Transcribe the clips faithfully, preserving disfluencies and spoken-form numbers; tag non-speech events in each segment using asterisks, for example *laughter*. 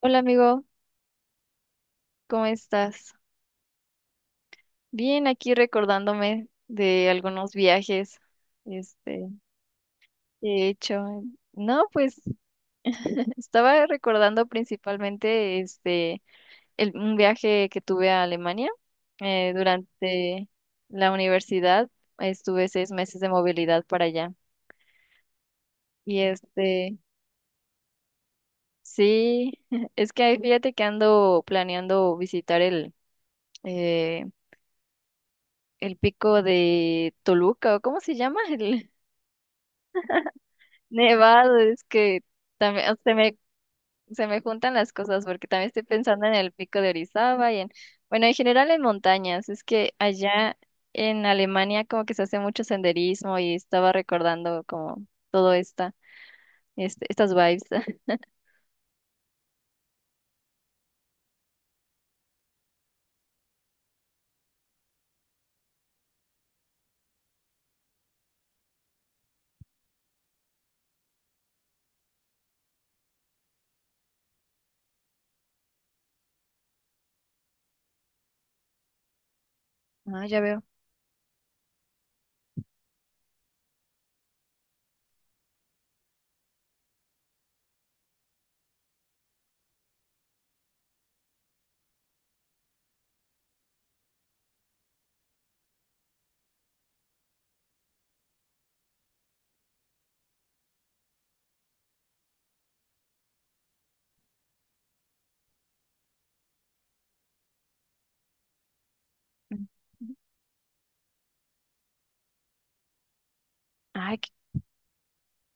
Hola amigo, ¿cómo estás? Bien, aquí recordándome de algunos viajes este, que he hecho. No, pues *laughs* estaba recordando principalmente este, el- un viaje que tuve a Alemania eh, durante la universidad. Estuve seis meses de movilidad para allá. Y este, sí, *laughs* es que ahí fíjate que ando planeando visitar el, eh, el pico de Toluca, ¿o cómo se llama? *laughs* El Nevado, es que también se me, se me juntan las cosas porque también estoy pensando en el pico de Orizaba y en, bueno, en general en montañas. Es que allá en Alemania como que se hace mucho senderismo y estaba recordando como todo esta, este, estas vibes. *laughs* Ah, ya veo. Ay, qué,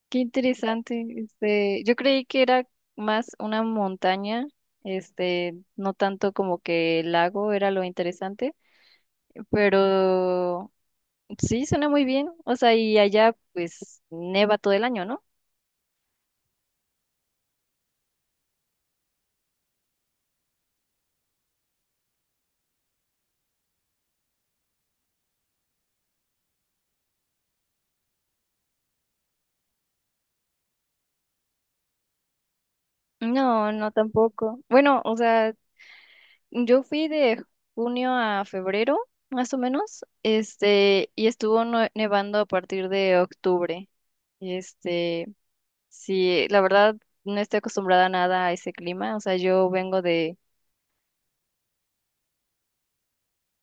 qué interesante. Este, yo creí que era más una montaña, este, no tanto como que el lago era lo interesante, pero sí, suena muy bien. O sea, y allá pues neva todo el año, ¿no? No, no tampoco. Bueno, o sea, yo fui de junio a febrero, más o menos, este, y estuvo nue- nevando a partir de octubre. Este, sí, la verdad no estoy acostumbrada a nada a ese clima. O sea, yo vengo de,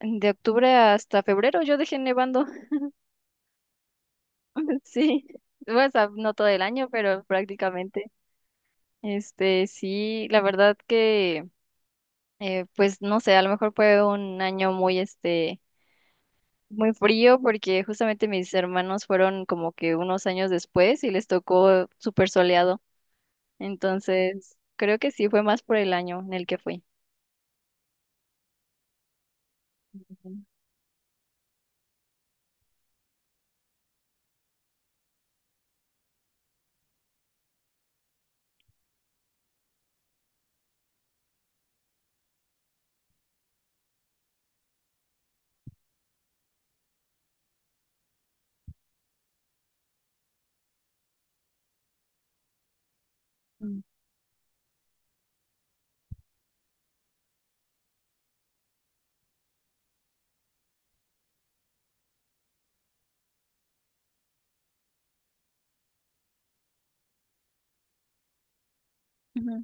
de octubre hasta febrero, yo dejé nevando. *laughs* Sí, bueno, o sea, no todo el año, pero prácticamente. Este, sí, la verdad que eh, pues no sé, a lo mejor fue un año muy, este, muy frío porque justamente mis hermanos fueron como que unos años después y les tocó súper soleado. Entonces, creo que sí fue más por el año en el que fui. Ujú. Mm. Ujú.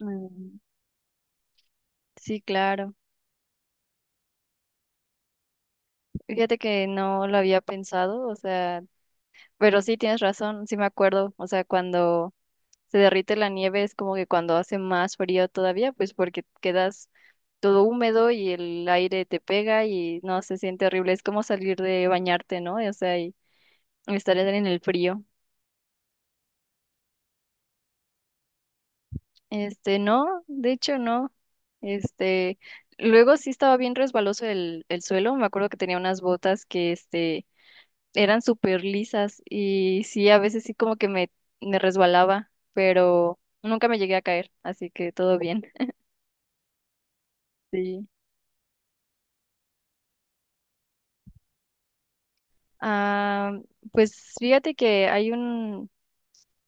Mm, sí, claro. Fíjate que no lo había pensado, o sea, pero sí tienes razón, sí me acuerdo, o sea, cuando se derrite la nieve, es como que cuando hace más frío todavía, pues porque quedas todo húmedo y el aire te pega y no, se siente horrible. Es como salir de bañarte, ¿no? O sea, y estar en el frío. Este, no, de hecho no. Este, Luego sí estaba bien resbaloso el, el suelo. Me acuerdo que tenía unas botas que, este, eran súper lisas y sí, a veces sí como que me, me resbalaba, pero nunca me llegué a caer, así que todo bien. *laughs* Sí. Ah, pues fíjate que hay un,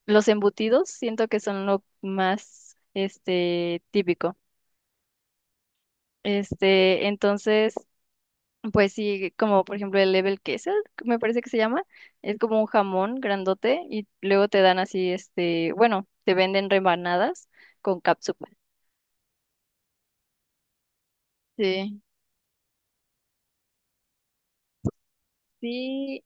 los embutidos siento que son lo más, este, típico. Este, entonces, pues sí, como por ejemplo el level queso, me parece que se llama, es como un jamón grandote y luego te dan así, este, bueno, te venden rebanadas con cápsula. Sí, sí,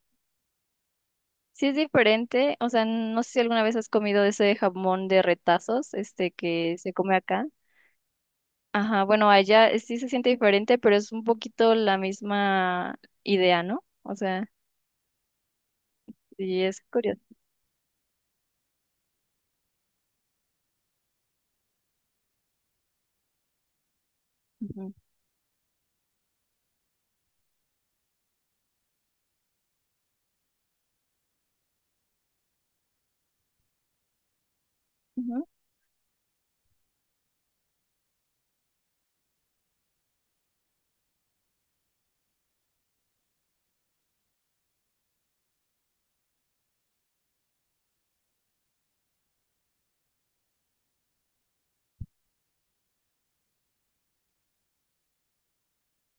sí es diferente, o sea, no sé si alguna vez has comido ese jamón de retazos, este, que se come acá. Ajá, bueno, allá sí se siente diferente, pero es un poquito la misma idea, ¿no? O sea, sí es curioso. Ujú, ujú,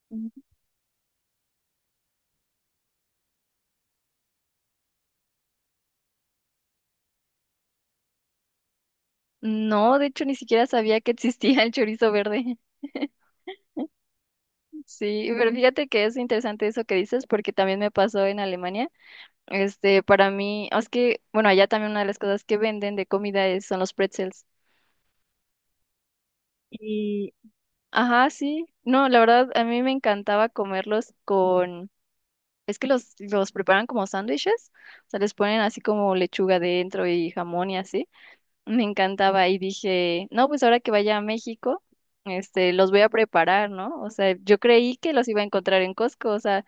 ujú. No, de hecho, ni siquiera sabía que existía el chorizo verde. *laughs* Sí, pero ujú, fíjate que es interesante eso que dices, porque también me pasó en Alemania. Este, para mí, es que, bueno, allá también una de las cosas que venden de comida es, son los pretzels. Y, ajá, sí. No, la verdad, a mí me encantaba comerlos. Es que los, los preparan como sándwiches, o sea, les ponen así como lechuga dentro y jamón y así. Me encantaba y dije, no, pues ahora que vaya a México, este, los voy a preparar, ¿no? O sea, yo creí que los iba a encontrar en Costco, o sea,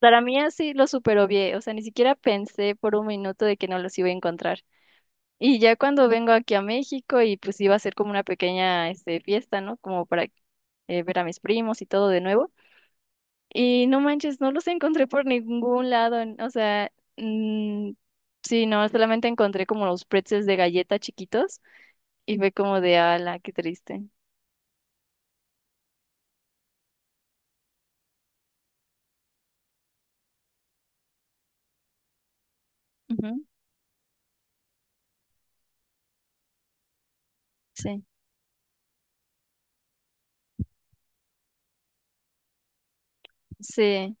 para mí así los super obvié, o sea, ni siquiera pensé por un minuto de que no los iba a encontrar. Y ya cuando vengo aquí a México y pues iba a ser como una pequeña, este, fiesta, ¿no? Como para eh, ver a mis primos y todo de nuevo. Y no manches, no los encontré por ningún lado. en- O sea, mm, sí, no, solamente encontré como los pretzels de galleta chiquitos y fue como de ala, qué triste. Ujú, sí, sí,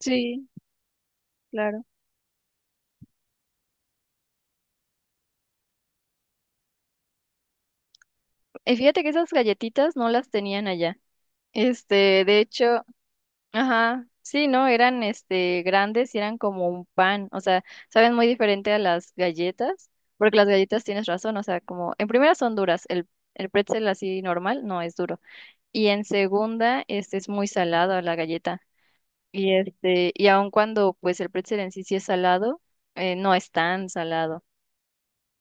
sí, claro. Y fíjate que esas galletitas no las tenían allá. Este, de hecho, ajá, sí, no, eran este grandes y eran como un pan. O sea, saben muy diferente a las galletas, porque las galletas tienes razón. O sea, como en primera son duras, el, el pretzel así normal no es duro. Y en segunda, este es muy salado la galleta. Y este, y aun cuando pues el pretzel en sí sí es salado, eh, no es tan salado.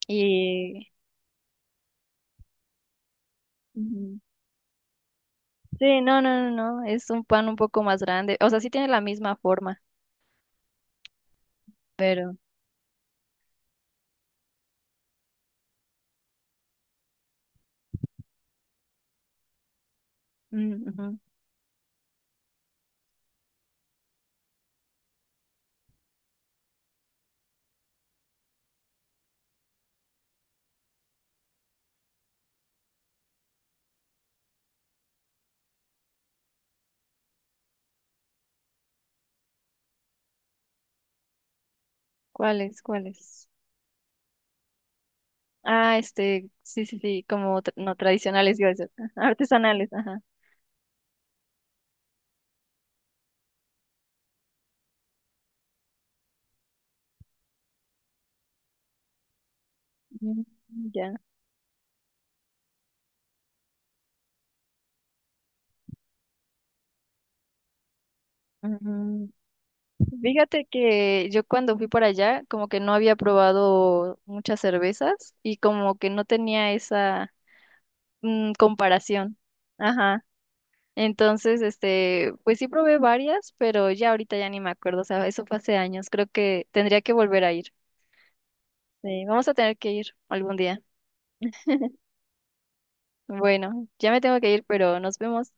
Y ujú, sí, no, no, no, no, es un pan un poco más grande. O sea, sí tiene la misma forma, pero mm, ujú. ¿Cuáles? ¿Cuáles? Ah, este, sí, sí, sí, como tra- no tradicionales, iba a decir. *laughs* Ajá, artesanales, ajá. Mm, ya. Fíjate que yo cuando fui para allá, como que no había probado muchas cervezas y como que no tenía esa mm, comparación. Ajá. Entonces, este, pues sí probé varias, pero ya ahorita ya ni me acuerdo. O sea, eso fue hace años. Creo que tendría que volver a ir. Sí, vamos a tener que ir algún día. Bueno, ya me tengo que ir, pero nos vemos.